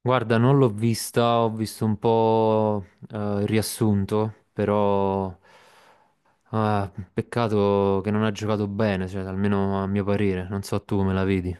Guarda, non l'ho vista, ho visto un po' il riassunto, però peccato che non ha giocato bene, cioè, almeno a mio parere, non so tu come la vedi.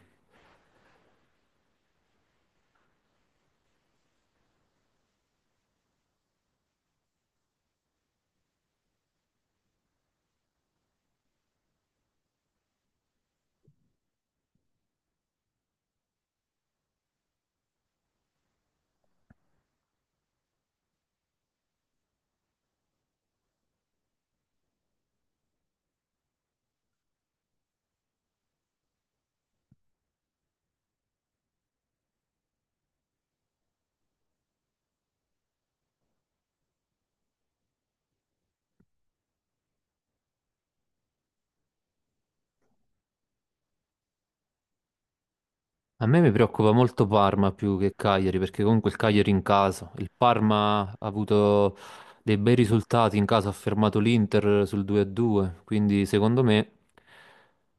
A me mi preoccupa molto Parma più che Cagliari, perché comunque il Cagliari in casa, il Parma ha avuto dei bei risultati in casa, ha fermato l'Inter sul 2-2, quindi secondo me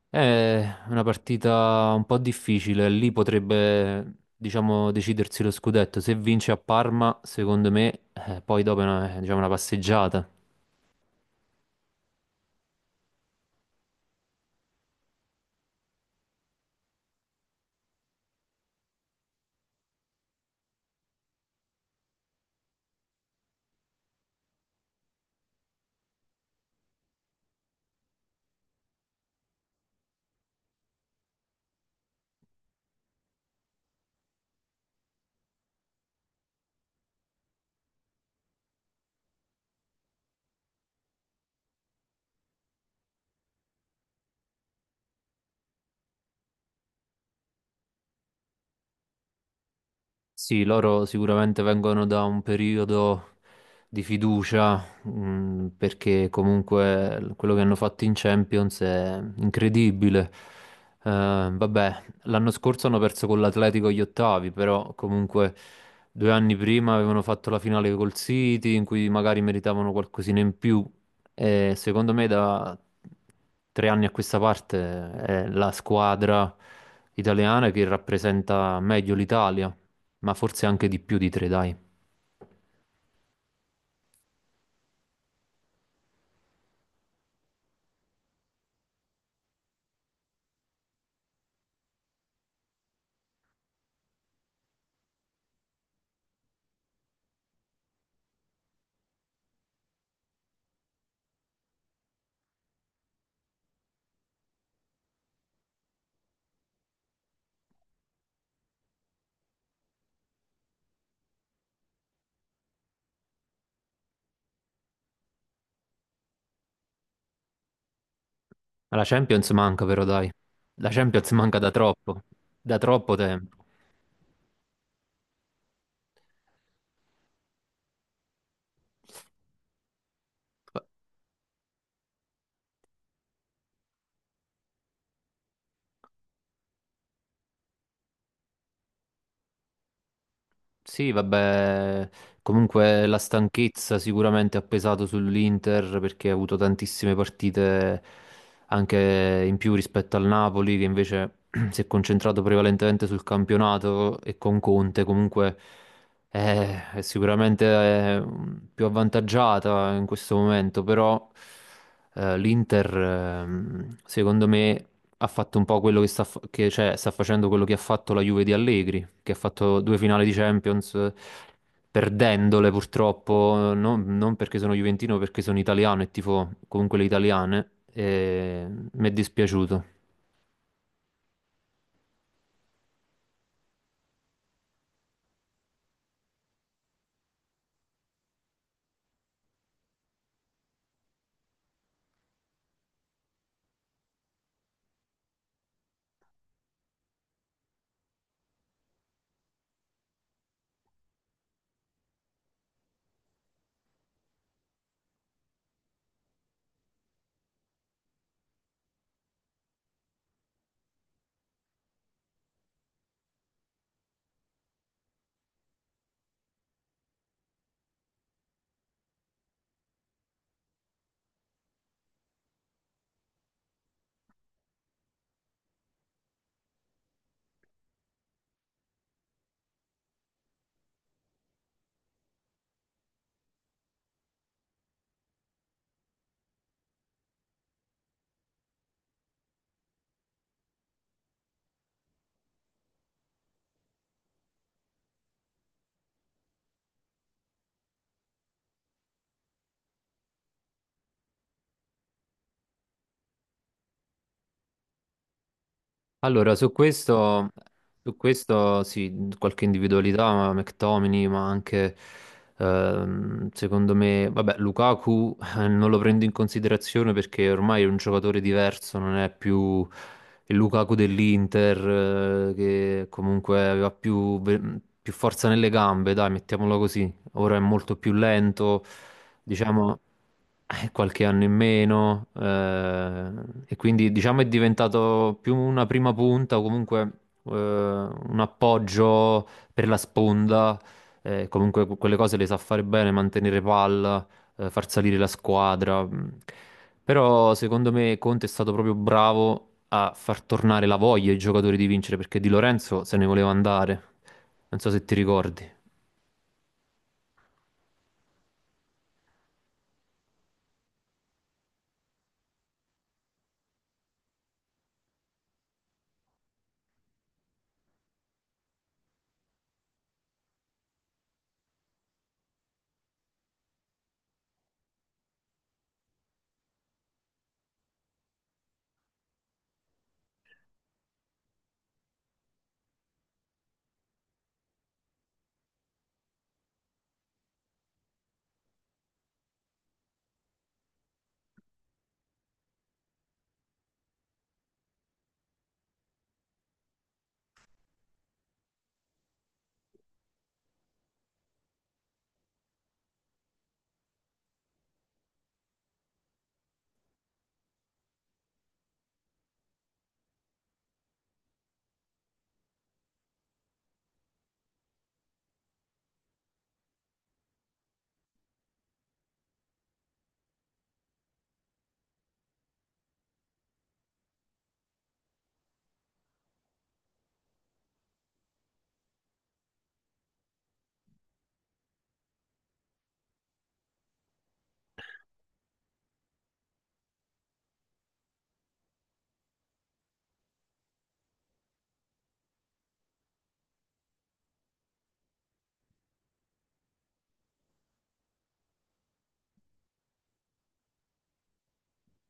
è una partita un po' difficile, lì potrebbe, diciamo, decidersi lo scudetto. Se vince a Parma, secondo me, poi dopo è una, è, diciamo, una passeggiata. Sì, loro sicuramente vengono da un periodo di fiducia, perché comunque quello che hanno fatto in Champions è incredibile. Vabbè, l'anno scorso hanno perso con l'Atletico gli ottavi, però comunque due anni prima avevano fatto la finale col City, in cui magari meritavano qualcosina in più. E secondo me da tre anni a questa parte è la squadra italiana che rappresenta meglio l'Italia, ma forse anche di più di tre, dai. Ma la Champions manca, però, dai. La Champions manca da troppo tempo. Sì, vabbè, comunque la stanchezza sicuramente ha pesato sull'Inter perché ha avuto tantissime partite anche in più rispetto al Napoli che invece si è concentrato prevalentemente sul campionato e con Conte comunque è sicuramente eh, più avvantaggiata in questo momento, però l'Inter secondo me ha fatto un po' quello che cioè, sta facendo quello che ha fatto la Juve di Allegri, che ha fatto due finali di Champions, perdendole purtroppo, non perché sono juventino, perché sono italiano e tifo comunque le italiane, e mi è dispiaciuto. Allora, su questo sì, mhmm, qualche individualità, ma McTominay, ma anche secondo me, vabbè, Lukaku non lo prendo in considerazione perché ormai è un giocatore diverso, non è più il Lukaku dell'Inter che comunque aveva più, più forza nelle gambe, dai, mettiamolo così. Ora è molto più lento, diciamo, qualche anno in meno, e quindi diciamo è diventato più una prima punta o comunque un appoggio per la sponda, comunque quelle cose le sa fare bene, mantenere palla, far salire la squadra. Mh. Però secondo me Conte è stato proprio bravo a far tornare la voglia ai giocatori di vincere perché Di Lorenzo se ne voleva andare. Non so se ti ricordi.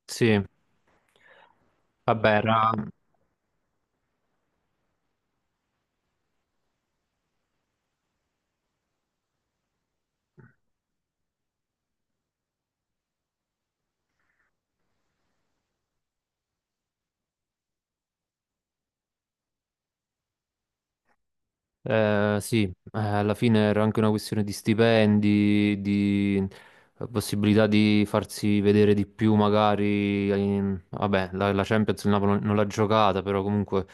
Sì, vabbè, era. Sì, alla fine era anche una questione di stipendi, di possibilità di farsi vedere di più, magari. Vabbè, la Champions il Napoli non l'ha giocata, però comunque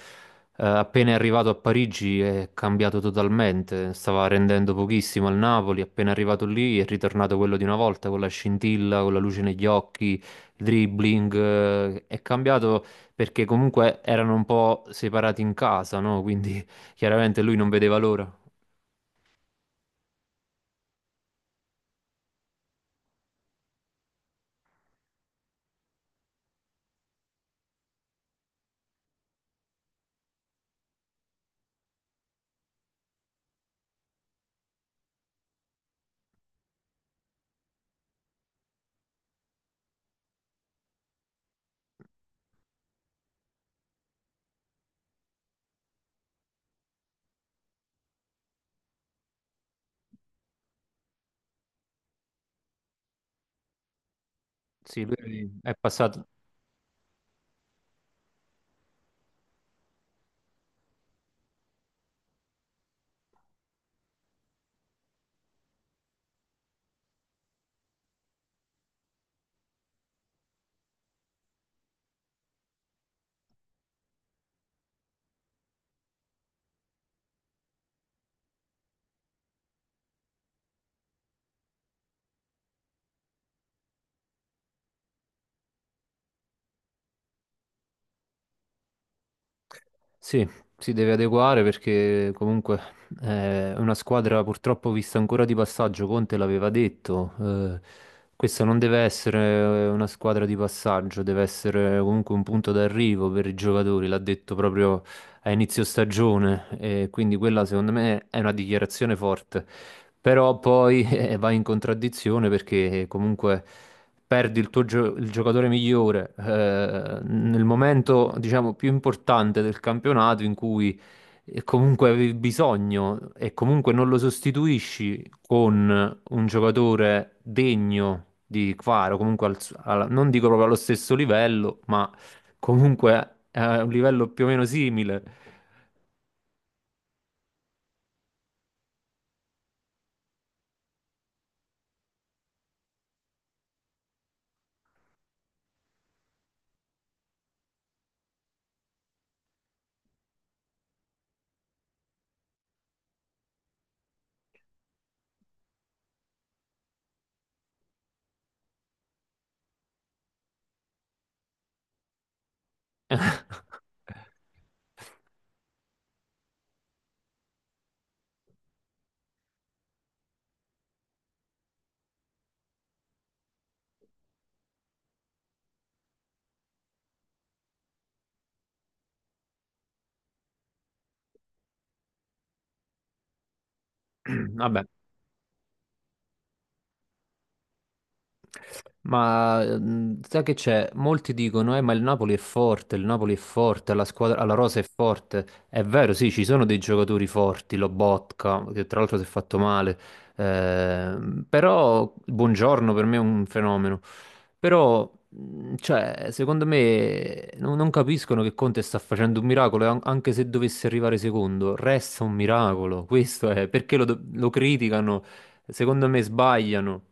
appena è arrivato a Parigi è cambiato totalmente. Stava rendendo pochissimo al Napoli, appena è arrivato lì è ritornato quello di una volta, con la scintilla, con la luce negli occhi, il dribbling. È cambiato perché comunque erano un po' separati in casa, no? Quindi chiaramente lui non vedeva l'ora. Sì, lui è passato. Sì, si deve adeguare perché comunque è una squadra purtroppo vista ancora di passaggio, Conte l'aveva detto. Questa non deve essere una squadra di passaggio, deve essere comunque un punto d'arrivo per i giocatori, l'ha detto proprio a inizio stagione e quindi quella secondo me è una dichiarazione forte. Però poi va in contraddizione perché comunque perdi il tuo il giocatore migliore nel momento, diciamo, più importante del campionato in cui comunque avevi bisogno e comunque non lo sostituisci con un giocatore degno di Kvara, comunque non dico proprio allo stesso livello, ma comunque a un livello più o meno simile. Vabbè. Ma sai che c'è? Molti dicono, ma il Napoli è forte, il Napoli è forte, la squadra, la rosa è forte. È vero, sì, ci sono dei giocatori forti, Lobotka, che tra l'altro si è fatto male, però Buongiorno per me è un fenomeno. Però, cioè, secondo me non capiscono che Conte sta facendo un miracolo, e anche se dovesse arrivare secondo, resta un miracolo. Questo è, perché lo criticano? Secondo me sbagliano.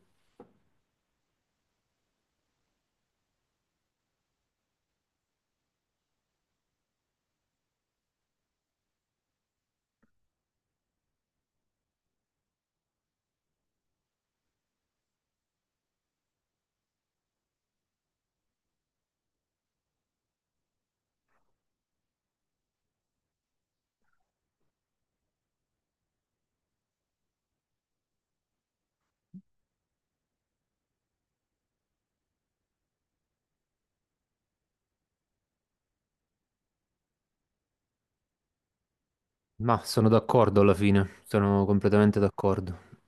Ma sono d'accordo alla fine, sono completamente d'accordo.